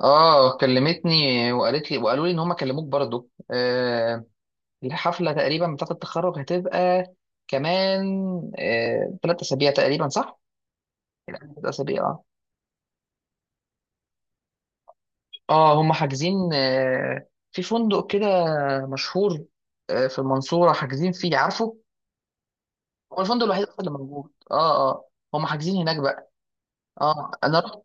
اه، كلمتني وقالت لي وقالوا لي ان هم كلموك برضو. الحفله تقريبا بتاعه التخرج هتبقى كمان 3 اسابيع تقريبا، صح؟ 3 اسابيع. اه. اه هم حاجزين في فندق كده مشهور في المنصوره، حاجزين فيه، عارفه؟ هو الفندق الوحيد أصلاً اللي موجود. اه هم حاجزين هناك بقى. اه، انا رحت.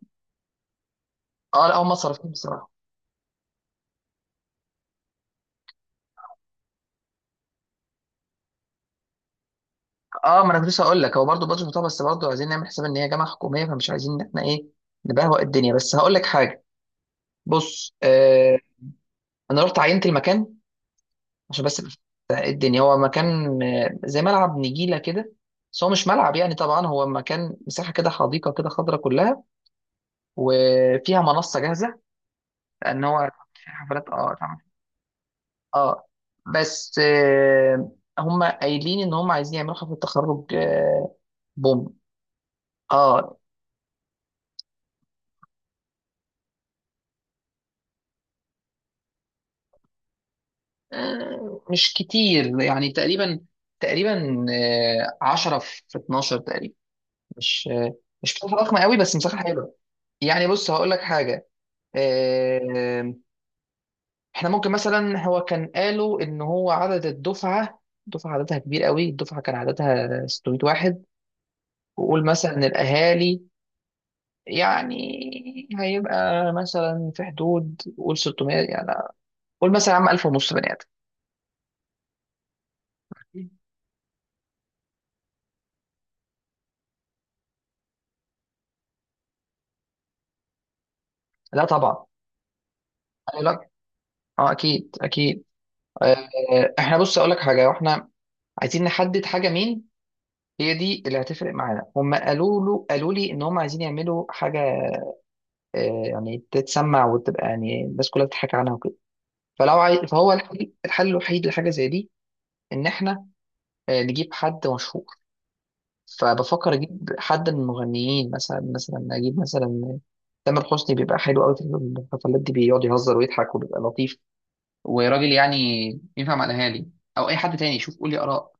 اه لا، هم صارفين بصراحه. اه، ما انا كنت لسه هقول لك، هو برضه بادجت بتاعه، بس برضه عايزين نعمل حساب ان هي جامعه حكوميه، فمش عايزين ان احنا ايه، نبهوأ الدنيا. بس هقول لك حاجه، بص. انا رحت عينت المكان، عشان بس الدنيا. هو مكان، زي ملعب نجيله كده، بس هو مش ملعب يعني، طبعا هو مكان مساحه كده، حديقه كده خضراء كلها، وفيها منصه جاهزه، لان هو في حفلات، اه طبعا. اه، بس، هم قايلين ان هم عايزين يعملوا حفله تخرج. بوم. اه، مش كتير يعني، تقريبا تقريبا 10 في 12 تقريبا. مش مش مساحه ضخمه قوي، بس مساحه حلوه. يعني بص هقول لك حاجه. آه، احنا ممكن مثلا، هو كان قالوا ان هو عدد الدفعه، الدفعه عددها كبير قوي، الدفعه كان عددها 600 واحد. وقول مثلا ان الاهالي يعني، هيبقى مثلا في حدود قول 600 يعني، قول مثلا يا عم 1000 ونص بني ادم. لا طبعا. قال لك اه، اكيد اكيد. احنا، بص، اقول لك حاجه، واحنا عايزين نحدد حاجه، مين هي دي اللي هتفرق معانا. هم قالوا لي ان هم عايزين يعملوا حاجه، يعني تتسمع، وتبقى يعني الناس كلها بتضحك عنها وكده. فهو الحل، الوحيد لحاجه زي دي، ان احنا نجيب حد مشهور. فبفكر اجيب حد من المغنيين، مثلا اجيب مثلا تامر حسني، بيبقى حلو قوي في الحفلات دي. بيقعد يهزر ويضحك، وبيبقى لطيف وراجل يعني، ينفع مع الاهالي. او اي حد تاني، شوف قولي اراء.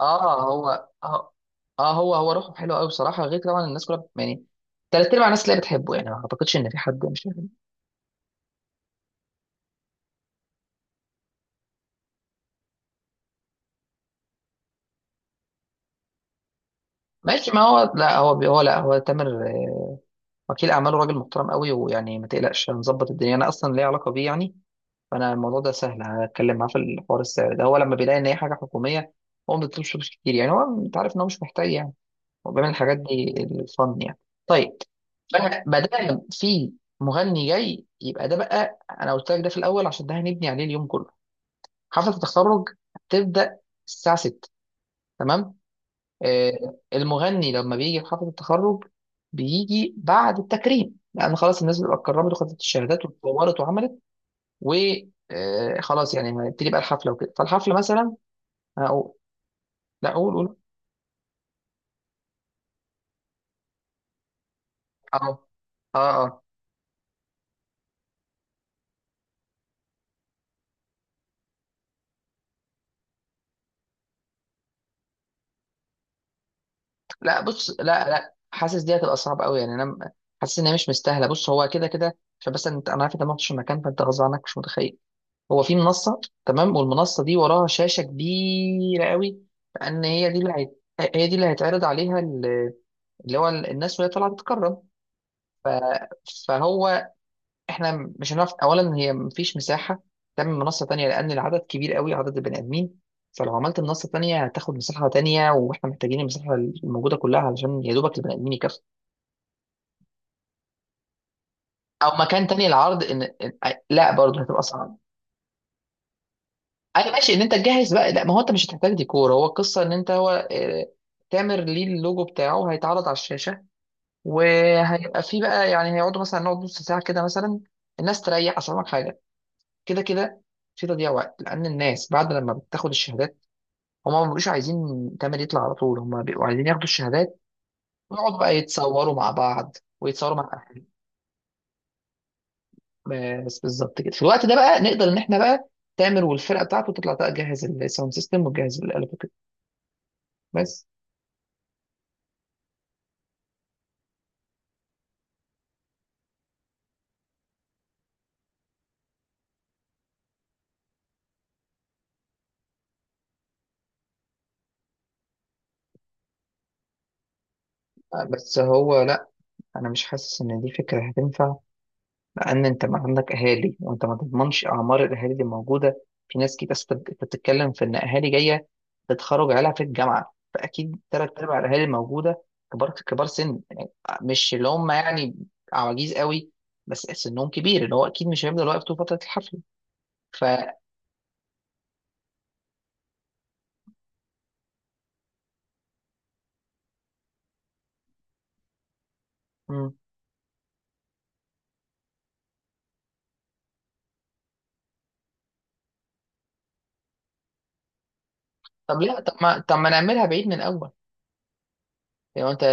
اه هو اه، هو هو روحه حلوه قوي بصراحه، غير طبعا الناس كلها يعني، تلات ارباع الناس اللي بتحبه يعني، ما اعتقدش ان في حد مش بيحبه. ماشي. ما هو لا، هو تامر، وكيل اعماله راجل محترم قوي، ويعني ما تقلقش هنظبط الدنيا، انا اصلا ليا علاقه بيه يعني. فانا الموضوع ده سهل، هتكلم معاه في الحوار. السعر ده هو لما بيلاقي ان هي حاجه حكوميه، هو ما بيطلبش فلوس كتير يعني، هو انت عارف ان هو مش محتاج يعني، وبيعمل الحاجات دي، الفن يعني. طيب. فانا ما دام في مغني جاي، يبقى ده بقى، انا قلت لك ده في الاول عشان ده هنبني عليه اليوم كله. حفله التخرج هتبدا الساعه 6، تمام. آه، المغني لما بيجي في حفله التخرج، بيجي بعد التكريم، لان خلاص الناس بتبقى اتكرمت وخدت الشهادات واتطورت وعملت، و خلاص يعني هنبتدي بقى الحفله وكده. فالحفله مثلا هقول. لا، قول قول. اه. اه، لا، بص، لا، لا، حاسس دي هتبقى صعبه قوي يعني، حاسس ان هي مش مستاهله. بص، هو كده كده، عشان بس انت، انا عارف انت ما رحتش المكان، فانت غصب عنك مش متخيل. هو في منصه، تمام، والمنصه دي وراها شاشه كبيره قوي، لان هي دي اللي هيتعرض عليها اللي هو الناس وهي طالعه تتكرم. فهو احنا مش هنعرف، اولا هي مفيش مساحه تعمل منصه تانية، لان العدد كبير قوي، عدد البني ادمين. فلو عملت منصه تانية هتاخد مساحه تانية، واحنا محتاجين المساحه الموجوده كلها، علشان يا دوبك البني ادمين يكفوا. او مكان تاني العرض ان لا برضه هتبقى صعب. ايوه ماشي، ان انت تجهز بقى. لا، ما هو انت مش هتحتاج ديكور، هو القصه ان انت هو، تامر ليه اللوجو بتاعه هيتعرض على الشاشه، وهيبقى فيه بقى يعني، هيقعدوا مثلا، نقعد نص ساعه كده مثلا، الناس تريح. اصل أقول لك حاجه، كده كده في تضييع وقت، لان الناس بعد لما بتاخد الشهادات، هما ما بيبقوش عايزين تامر يطلع على طول، هما بيبقوا عايزين ياخدوا الشهادات ويقعدوا بقى يتصوروا مع بعض، ويتصوروا مع، بس بالظبط كده. في الوقت ده بقى نقدر ان احنا بقى تامر والفرقه بتاعته تطلع بقى، تجهز الساوند سيستم وتجهز الالات وكده. بس. بس هو لا، انا مش حاسس ان دي فكره هتنفع، لان انت ما عندك اهالي، وانت ما تضمنش اعمار الاهالي اللي موجوده. في ناس كتير، أصل انت أنت بتتكلم في ان اهالي جايه تتخرج عيالها في الجامعه، فاكيد ثلاث ارباع الاهالي الموجوده كبار، كبار سن، مش اللي هم يعني عواجيز قوي، بس سنهم كبير، اللي هو اكيد مش هيفضل واقف طول فتره الحفله. ف، طب ما نعملها بعيد من الاول يعني. انت،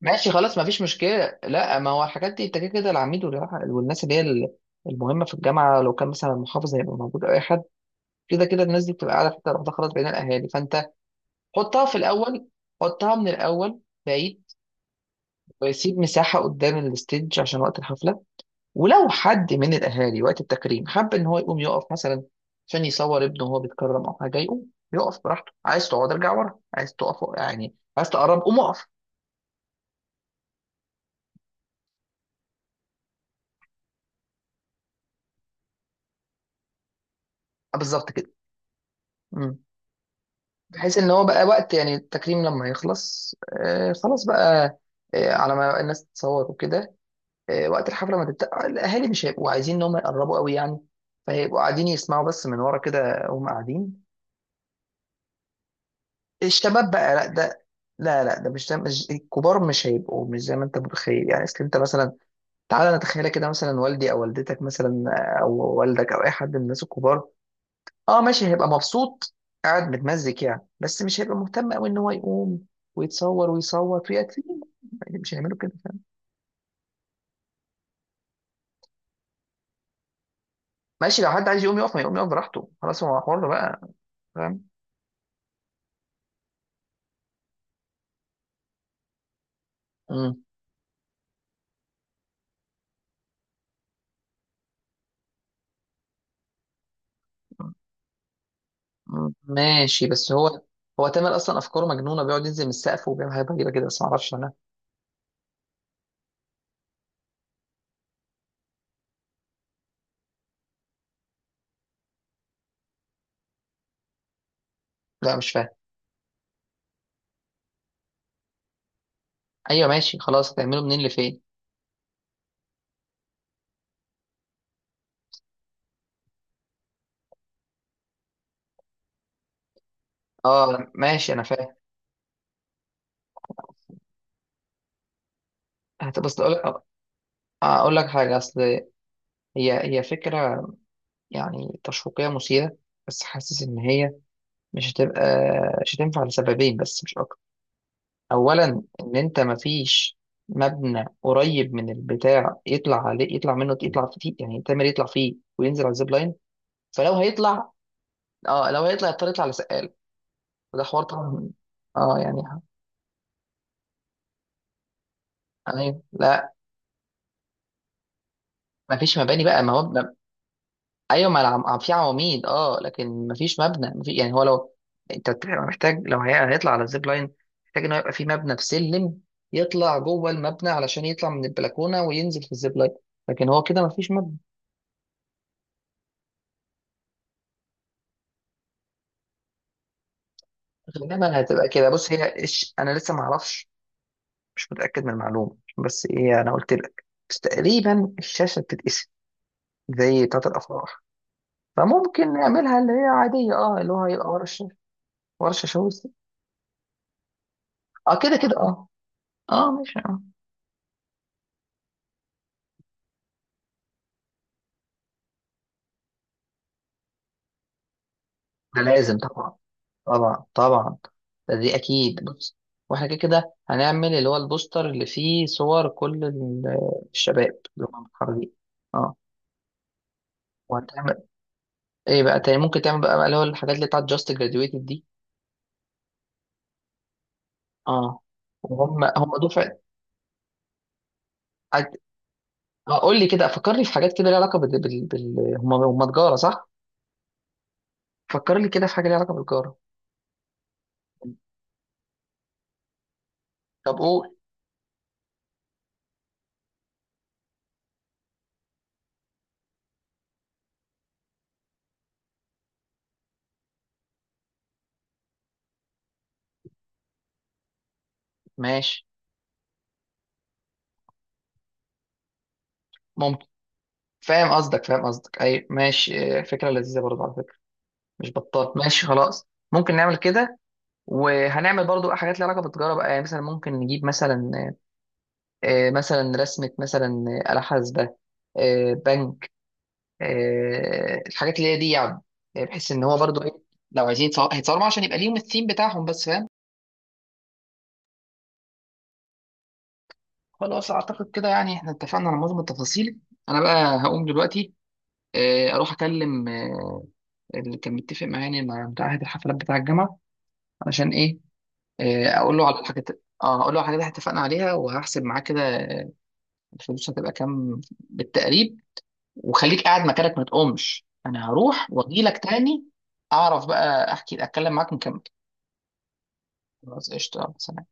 ماشي خلاص ما فيش مشكله. لا، ما هو الحاجات دي انت كده كده العميد والناس اللي هي المهمه في الجامعه، لو كان مثلا المحافظ هيبقى موجود او اي حد، كده كده الناس دي بتبقى قاعده في حته لوحدها خلاص، بين الاهالي. فانت حطها في الاول، حطها من الاول بعيد، ويسيب مساحه قدام الستيج عشان وقت الحفله. ولو حد من الاهالي وقت التكريم حب ان هو يقوم يقف مثلا، عشان يصور ابنه وهو بيتكرم او حاجه، يقوم يقف براحته. عايز تقعد ارجع ورا، عايز تقف يعني، عايز تقرب قوم اقف. بالظبط كده. مم. بحيث ان هو بقى وقت يعني التكريم لما يخلص، خلاص بقى، على ما الناس تتصور وكده، وقت الحفله ما تبدا، الاهالي مش هيبقوا عايزين ان هم يقربوا قوي يعني، فهيبقوا قاعدين يسمعوا بس من ورا كده، وهم قاعدين. الشباب بقى لا، ده، لا لا، ده مش، ده مش الكبار، مش هيبقوا مش زي ما انت متخيل يعني. اصل انت مثلا، تعالى نتخيل كده مثلا والدي او والدتك مثلا، او والدك او اي حد من الناس الكبار. اه ماشي، هيبقى مبسوط قاعد متمزج يعني، بس مش هيبقى مهتم قوي ان هو يقوم ويتصور ويصوت ويأتي يعني. مش هيعملوا كده، فاهم. ماشي، لو حد عايز يقوم يقف ما يقوم يقف براحته، خلاص هو حر بقى. فاهم. مم. ماشي، بس هو، هو تامر اصلا افكاره مجنونه، بيقعد ينزل من السقف وبيعمل حاجات غريبه كده، بس ما اعرفش انا. لا، مش فاهم. ايوه ماشي خلاص، هتعمله منين لفين. اه ماشي انا فاهم. هت- بس اقول لك، حاجه. اصل هي، هي فكره يعني تشويقيه مثيره، بس حاسس ان هي مش هتبقى مش هتنفع لسببين بس مش اكتر. اولا، ان انت مفيش مبنى قريب من البتاع يطلع عليه، يطلع فيه يعني، تامر يطلع فيه وينزل على الزيب لاين. فلو هيطلع، اه لو هيطلع يضطر يطلع على سقاله، وده حوار طبعا. اه يعني. ايوه. لا، مفيش مباني بقى، ما هو، ايوه ما في عواميد، اه، لكن مفيش مبنى يعني هو لو انت يعني محتاج لو هيطلع على الزيب لاين، محتاج انه يبقى في مبنى في سلم، يطلع جوه المبنى علشان يطلع من البلكونه وينزل في الزيب لاين، لكن هو كده مفيش مبنى. غالبا هتبقى كده. بص هي، انا لسه ما اعرفش، مش متاكد من المعلومه، بس ايه انا قلت لك، بس تقريبا الشاشه بتتقسم زي بتاعت الافراح، فممكن نعملها اللي هي عاديه، اه اللي هو هيبقى ورا الشاشه، ورا الشاشه وسط. اه كده كده اه. اه ماشي آه. ده لازم طبعا. طبعا طبعا، دي اكيد. بص، واحنا كده كده هنعمل اللي هو البوستر اللي فيه صور كل الشباب اللي هم متخرجين. اه. وهتعمل ايه بقى تاني، ممكن تعمل بقى اللي هو الحاجات اللي بتاعت جاست جراديويتد دي. اه. وهم هم دفعه. عد- اه قول لي كده، فكرني في حاجات كده ليها علاقه هم هم تجاره صح؟ فكر لي كده في حاجه ليها علاقه بالتجاره. طب قول. ماشي ممكن. فاهم قصدك، اي ماشي، فكره لذيذه برضه على فكره، مش بطال، ماشي خلاص ممكن نعمل كده. وهنعمل برضو بقى حاجات ليها علاقه بالتجاره بقى، يعني مثلا ممكن نجيب مثلا، مثلا رسمه مثلا، آلة حاسبه، بنك، الحاجات اللي هي دي يعني، بحيث ان هو برضو ايه، لو هيتصوروا معاه عشان يبقى ليهم الثيم بتاعهم بس، فاهم. خلاص اعتقد كده، يعني احنا اتفقنا على معظم التفاصيل. انا بقى هقوم دلوقتي، اروح اكلم اللي كان متفق معايا، يعني مع بتاع هيئة الحفلات بتاع الجامعه، علشان ايه، اقول له على الحاجات. اه، اقول له على الحاجات اللي اتفقنا عليها، وهحسب معاك كده الفلوس هتبقى كام بالتقريب. وخليك قاعد مكانك ما تقومش، انا هروح واجي لك تاني. اعرف بقى احكي اتكلم معاك ونكمل. خلاص، قشطه، سلام.